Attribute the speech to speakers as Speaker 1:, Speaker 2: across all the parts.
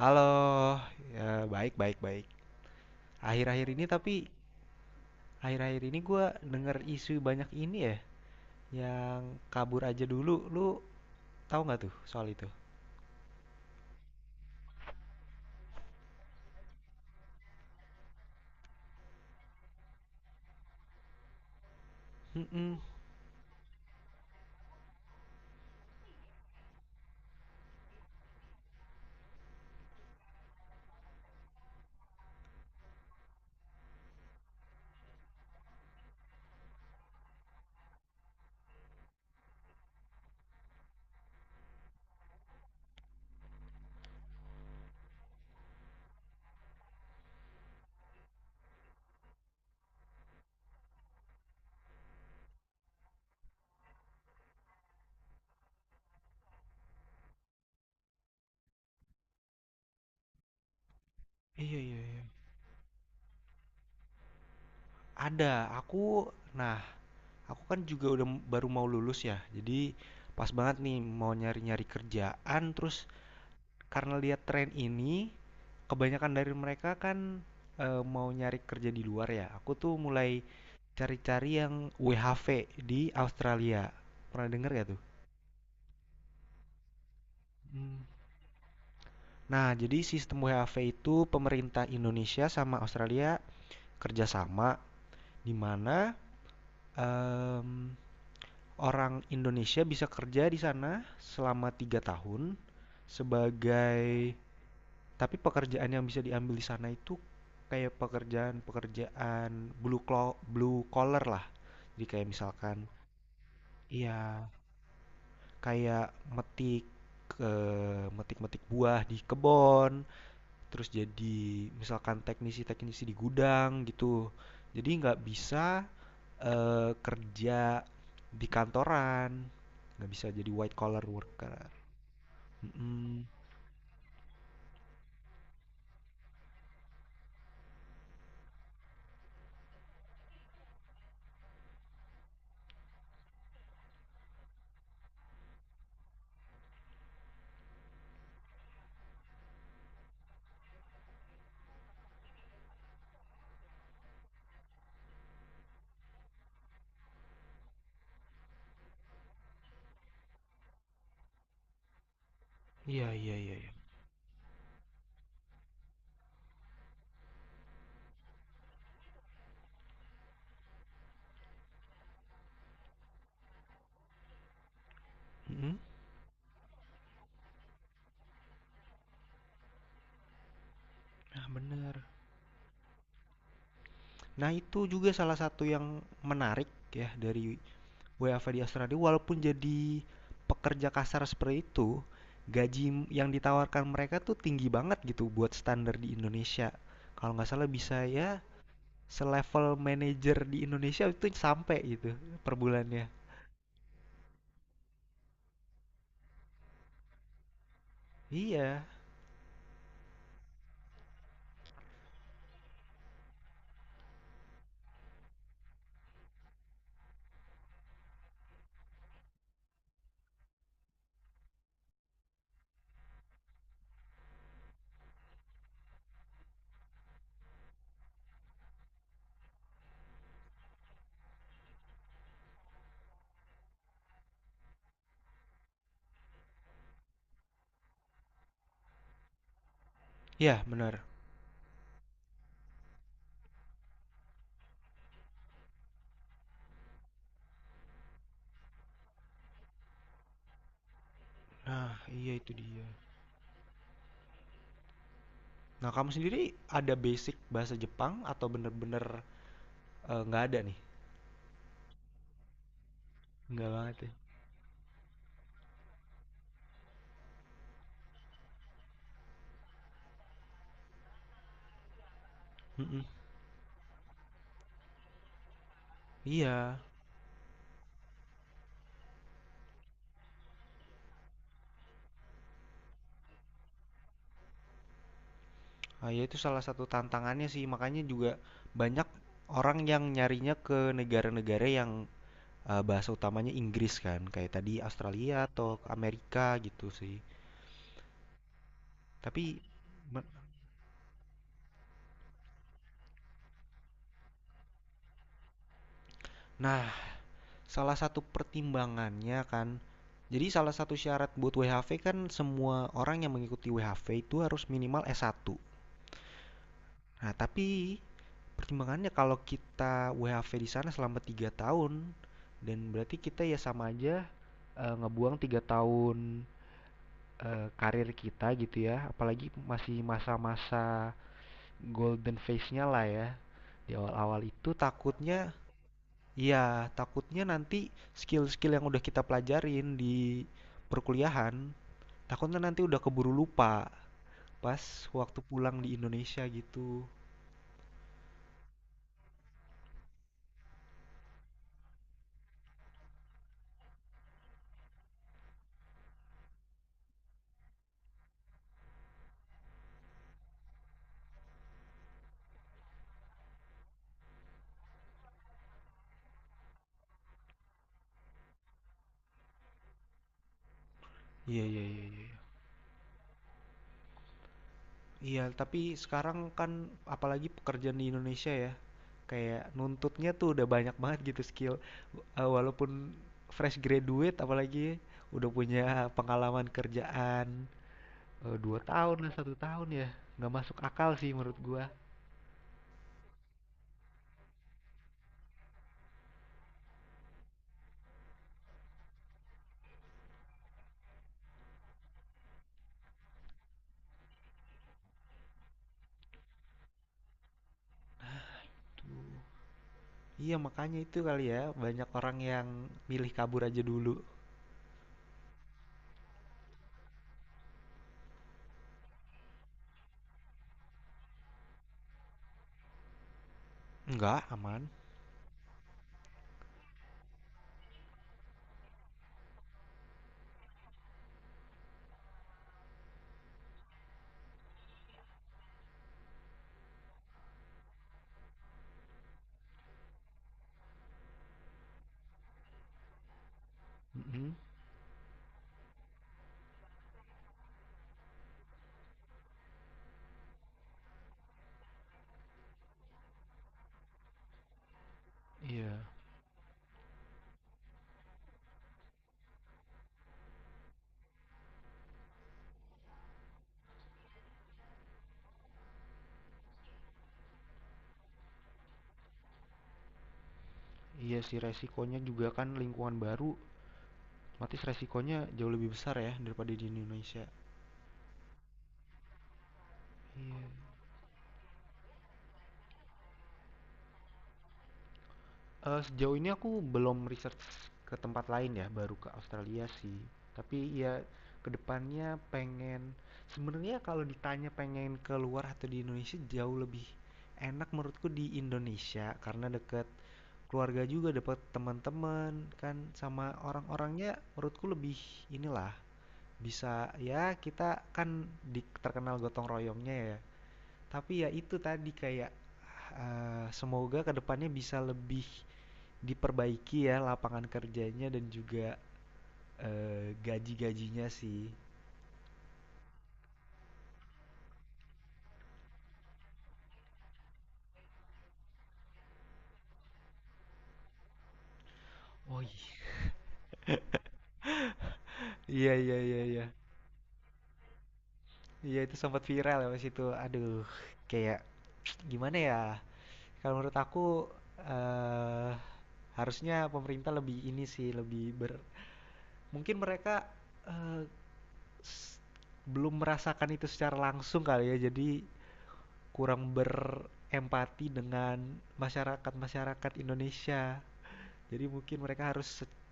Speaker 1: Halo, ya, baik, baik, baik. Akhir-akhir ini tapi akhir-akhir ini gua denger isu banyak ini ya, yang kabur aja dulu. Lu tahu nggak tuh soal itu? Mm-mm. Iya, iya, iya. Ada, aku, nah, aku kan juga udah baru mau lulus ya, jadi pas banget nih mau nyari-nyari kerjaan, terus karena lihat tren ini kebanyakan dari mereka kan mau nyari kerja di luar ya aku tuh mulai cari-cari yang WHV di Australia, pernah denger gak tuh? Hmm. Nah, jadi sistem WHV itu pemerintah Indonesia sama Australia kerjasama, di mana em, orang Indonesia bisa kerja di sana selama 3 tahun sebagai. Tapi pekerjaan yang bisa diambil di sana itu kayak pekerjaan-pekerjaan blue collar lah. Jadi kayak misalkan iya kayak metik metik-metik buah di kebun, terus jadi misalkan teknisi-teknisi di gudang gitu. Jadi nggak bisa kerja di kantoran, nggak bisa jadi white collar worker. Mm Iya iya iya. Iya. Nah bener. Nah itu juga salah satu yang menarik ya dari WFA di Australia, walaupun jadi pekerja kasar seperti itu, gaji yang ditawarkan mereka tuh tinggi banget gitu buat standar di Indonesia. Kalau nggak salah bisa ya selevel manajer di Indonesia itu sampai gitu per bulannya. Iya, ya benar. Nah iya itu dia. Nah kamu sendiri ada basic bahasa Jepang atau bener-bener eh, nggak ada nih? Nggak banget ya. Mm-mm. Iya, ah, ya itu salah satu tantangannya sih, makanya juga banyak orang yang nyarinya ke negara-negara yang bahasa utamanya Inggris kan, kayak tadi Australia atau ke Amerika gitu sih. Tapi, me- nah, salah satu pertimbangannya kan, jadi salah satu syarat buat WHV kan semua orang yang mengikuti WHV itu harus minimal S1. Nah, tapi pertimbangannya kalau kita WHV di sana selama 3 tahun dan berarti kita ya sama aja ngebuang 3 tahun karir kita gitu ya, apalagi masih masa-masa golden phase-nya lah ya di awal-awal itu takutnya, ya takutnya nanti skill-skill yang udah kita pelajarin di perkuliahan, takutnya nanti udah keburu lupa pas waktu pulang di Indonesia gitu. Iya iya iya. Iya. Iya, tapi sekarang kan apalagi pekerjaan di Indonesia ya, kayak nuntutnya tuh udah banyak banget gitu skill. Eh, walaupun fresh graduate apalagi udah punya pengalaman kerjaan 2 tahun lah 1 tahun ya, nggak masuk akal sih menurut gua. Tuh. Iya, makanya itu kali ya, banyak orang yang milih kabur aja dulu. Enggak, aman. Mm-mm. Iya, iya sih resikonya juga kan lingkungan baru, otomatis resikonya jauh lebih besar ya daripada di Indonesia. Iya. Eee, sejauh ini aku belum research ke tempat lain ya, baru ke Australia sih. Tapi ya kedepannya pengen, sebenarnya kalau ditanya pengen keluar atau di Indonesia jauh lebih enak menurutku di Indonesia karena deket keluarga juga, dapet teman-teman kan, sama orang-orangnya menurutku lebih inilah, bisa ya kita kan di terkenal gotong royongnya ya. Tapi ya itu tadi kayak, eee, semoga kedepannya bisa lebih diperbaiki ya lapangan kerjanya dan juga gaji-gajinya sih. Oh iya. Iya iya iya iya. Iya itu sempat viral ya pas itu. Aduh, kayak gimana ya? Kalau menurut aku eh harusnya pemerintah lebih ini sih, lebih ber, mungkin mereka eh, s- belum merasakan itu secara langsung kali ya. Jadi kurang berempati dengan masyarakat-masyarakat Indonesia. Jadi mungkin mereka harus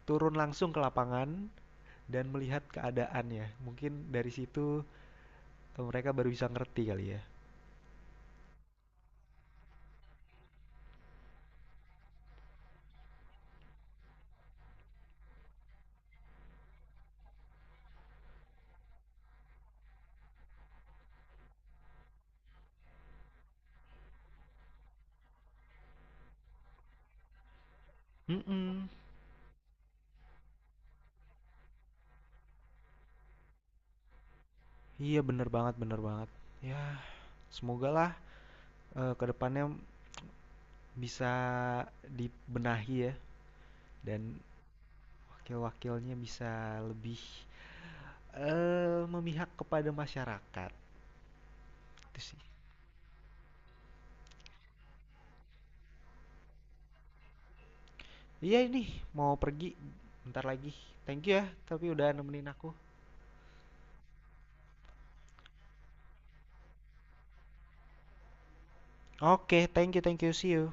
Speaker 1: turun langsung ke lapangan dan melihat keadaannya. Mungkin dari situ mereka baru bisa ngerti kali ya. Mm-mm. Iya bener banget bener banget. Ya semoga lah kedepannya bisa dibenahi ya, dan wakil-wakilnya bisa lebih memihak kepada masyarakat. Itu sih. Iya ini mau pergi bentar lagi. Thank you ya tapi udah nemenin aku. Oke, okay, thank you, see you.